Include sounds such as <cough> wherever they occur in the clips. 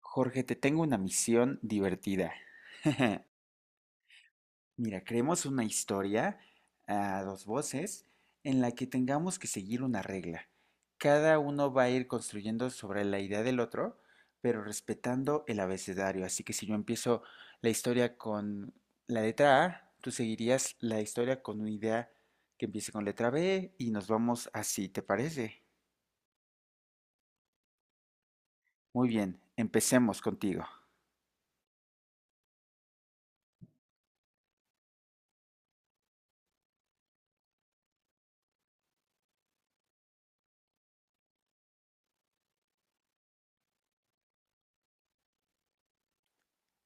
Jorge, te tengo una misión divertida. <laughs> Mira, creemos una historia a dos voces en la que tengamos que seguir una regla. Cada uno va a ir construyendo sobre la idea del otro, pero respetando el abecedario. Así que si yo empiezo la historia con la letra A, tú seguirías la historia con una idea que empiece con letra B y nos vamos así, ¿te parece? Muy bien, empecemos contigo.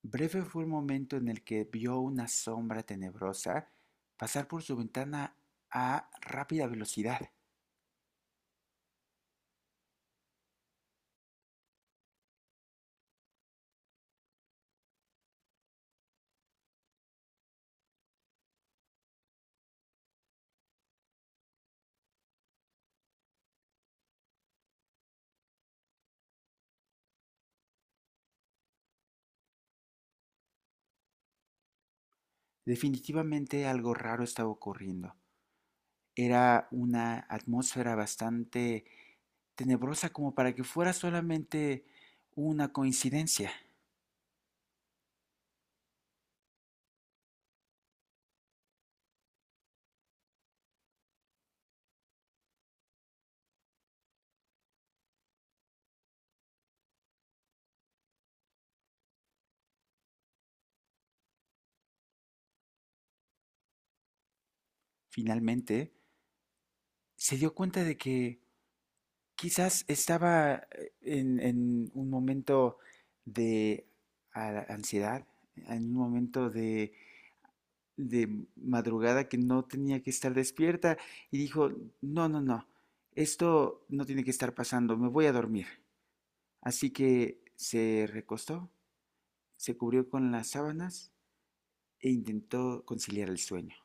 Breve fue el momento en el que vio una sombra tenebrosa pasar por su ventana a rápida velocidad. Definitivamente algo raro estaba ocurriendo. Era una atmósfera bastante tenebrosa como para que fuera solamente una coincidencia. Finalmente, se dio cuenta de que quizás estaba en un momento de ansiedad, en un momento de madrugada que no tenía que estar despierta y dijo, no, no, no, esto no tiene que estar pasando, me voy a dormir. Así que se recostó, se cubrió con las sábanas e intentó conciliar el sueño.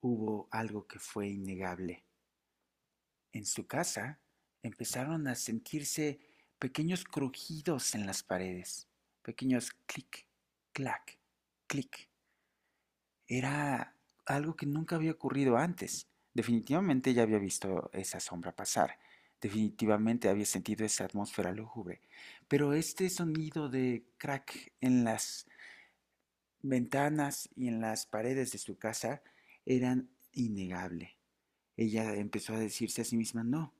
Hubo algo que fue innegable. En su casa empezaron a sentirse pequeños crujidos en las paredes, pequeños clic, clac, clic. Era algo que nunca había ocurrido antes. Definitivamente ya había visto esa sombra pasar. Definitivamente había sentido esa atmósfera lúgubre. Pero este sonido de crack en las ventanas y en las paredes de su casa eran innegable. Ella empezó a decirse a sí misma, no,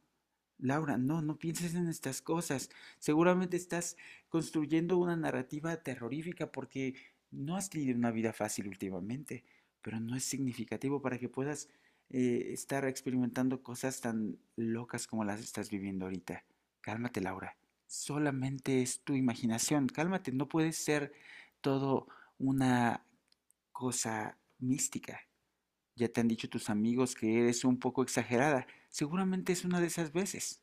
Laura, no, no pienses en estas cosas. Seguramente estás construyendo una narrativa terrorífica porque no has tenido una vida fácil últimamente, pero no es significativo para que puedas estar experimentando cosas tan locas como las estás viviendo ahorita. Cálmate, Laura. Solamente es tu imaginación. Cálmate, no puede ser todo una cosa mística. Ya te han dicho tus amigos que eres un poco exagerada. Seguramente es una de esas veces.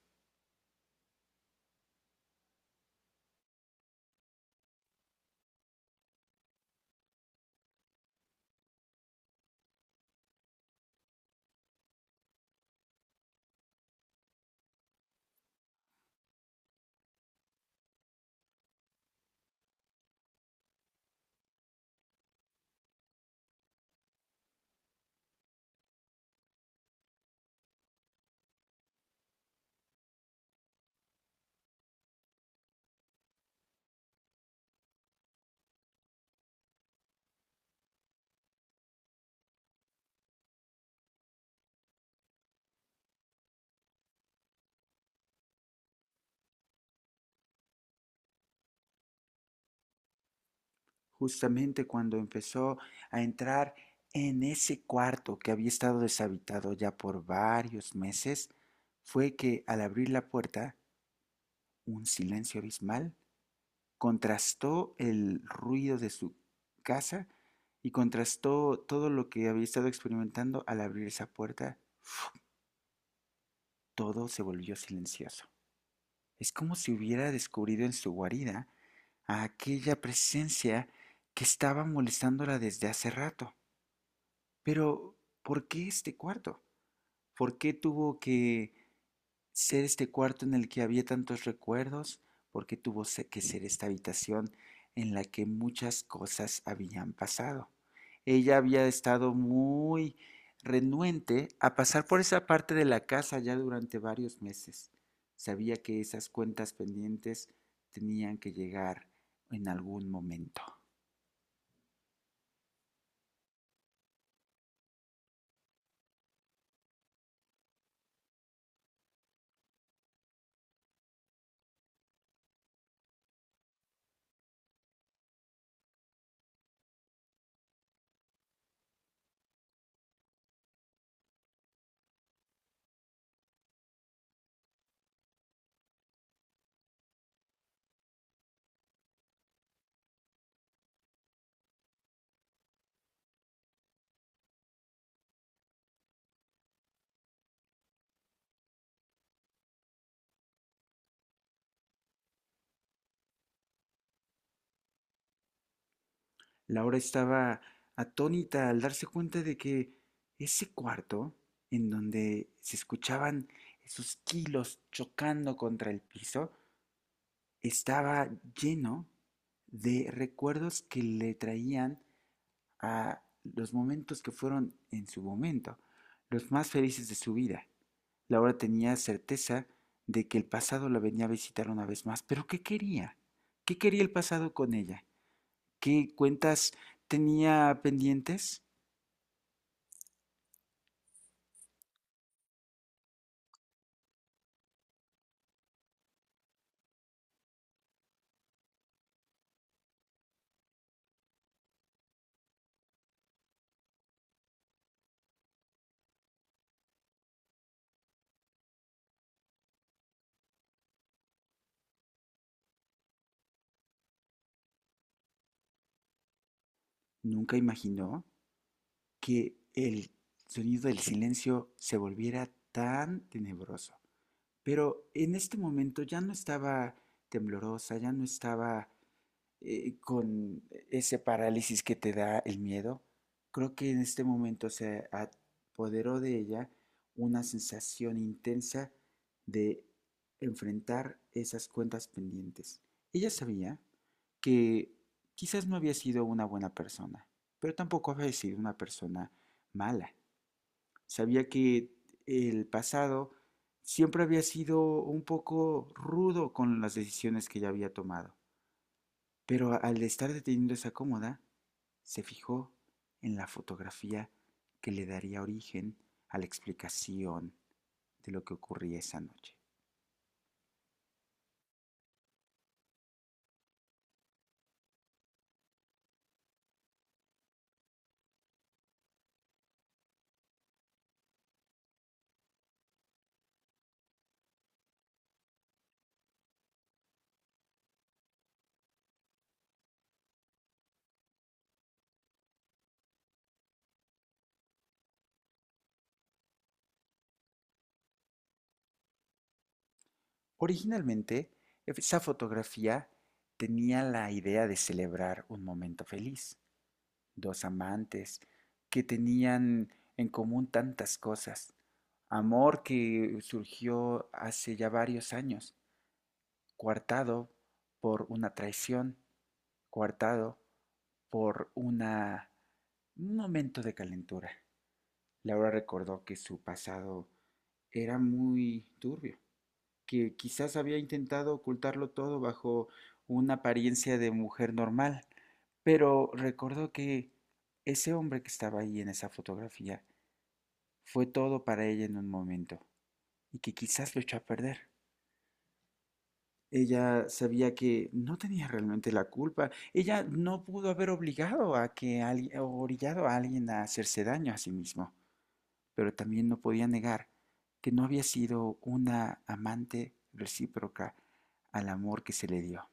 Justamente cuando empezó a entrar en ese cuarto que había estado deshabitado ya por varios meses, fue que al abrir la puerta, un silencio abismal contrastó el ruido de su casa y contrastó todo lo que había estado experimentando al abrir esa puerta. Todo se volvió silencioso. Es como si hubiera descubrido en su guarida a aquella presencia que estaba molestándola desde hace rato. Pero, ¿por qué este cuarto? ¿Por qué tuvo que ser este cuarto en el que había tantos recuerdos, porque tuvo que ser esta habitación en la que muchas cosas habían pasado? Ella había estado muy renuente a pasar por esa parte de la casa ya durante varios meses. Sabía que esas cuentas pendientes tenían que llegar en algún momento. Laura estaba atónita al darse cuenta de que ese cuarto, en donde se escuchaban esos kilos chocando contra el piso, estaba lleno de recuerdos que le traían a los momentos que fueron en su momento, los más felices de su vida. Laura tenía certeza de que el pasado la venía a visitar una vez más, pero ¿qué quería? ¿Qué quería el pasado con ella? ¿Qué cuentas tenía pendientes? Nunca imaginó que el sonido del silencio se volviera tan tenebroso. Pero en este momento ya no estaba temblorosa, ya no estaba con ese parálisis que te da el miedo, creo que en este momento se apoderó de ella una sensación intensa de enfrentar esas cuentas pendientes. Ella sabía que quizás no había sido una buena persona, pero tampoco había sido una persona mala. Sabía que el pasado siempre había sido un poco rudo con las decisiones que ella había tomado. Pero al estar deteniendo esa cómoda, se fijó en la fotografía que le daría origen a la explicación de lo que ocurría esa noche. Originalmente, esa fotografía tenía la idea de celebrar un momento feliz, dos amantes que tenían en común tantas cosas, amor que surgió hace ya varios años, coartado por una traición, coartado por un momento de calentura. Laura recordó que su pasado era muy turbio, que quizás había intentado ocultarlo todo bajo una apariencia de mujer normal, pero recordó que ese hombre que estaba ahí en esa fotografía fue todo para ella en un momento y que quizás lo echó a perder. Ella sabía que no tenía realmente la culpa. Ella no pudo haber obligado a que alguien, o orillado a alguien a hacerse daño a sí mismo. Pero también no podía negar que no había sido una amante recíproca al amor que se le dio.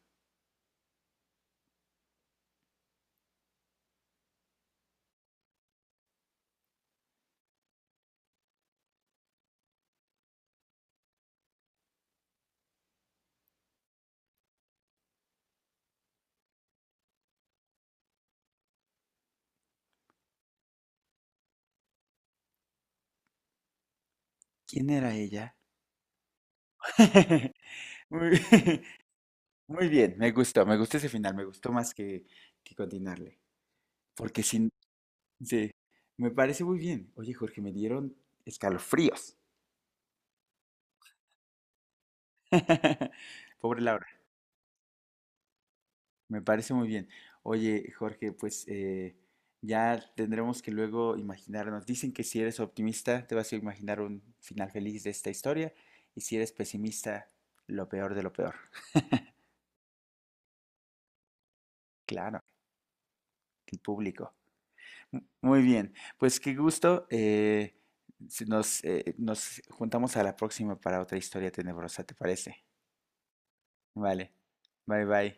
¿Quién era ella? <laughs> Muy, <laughs> muy bien, me gustó ese final, me gustó más que continuarle. Porque sin, Sí, me parece muy bien. Oye, Jorge, me dieron escalofríos. <laughs> Pobre Laura. Me parece muy bien. Oye, Jorge, pues ya tendremos que luego imaginarnos. Dicen que si eres optimista, te vas a imaginar un final feliz de esta historia. Y si eres pesimista, lo peor de lo peor. Claro, el público. Muy bien, pues qué gusto. Si nos juntamos a la próxima para otra historia tenebrosa, ¿te parece? Vale. Bye bye.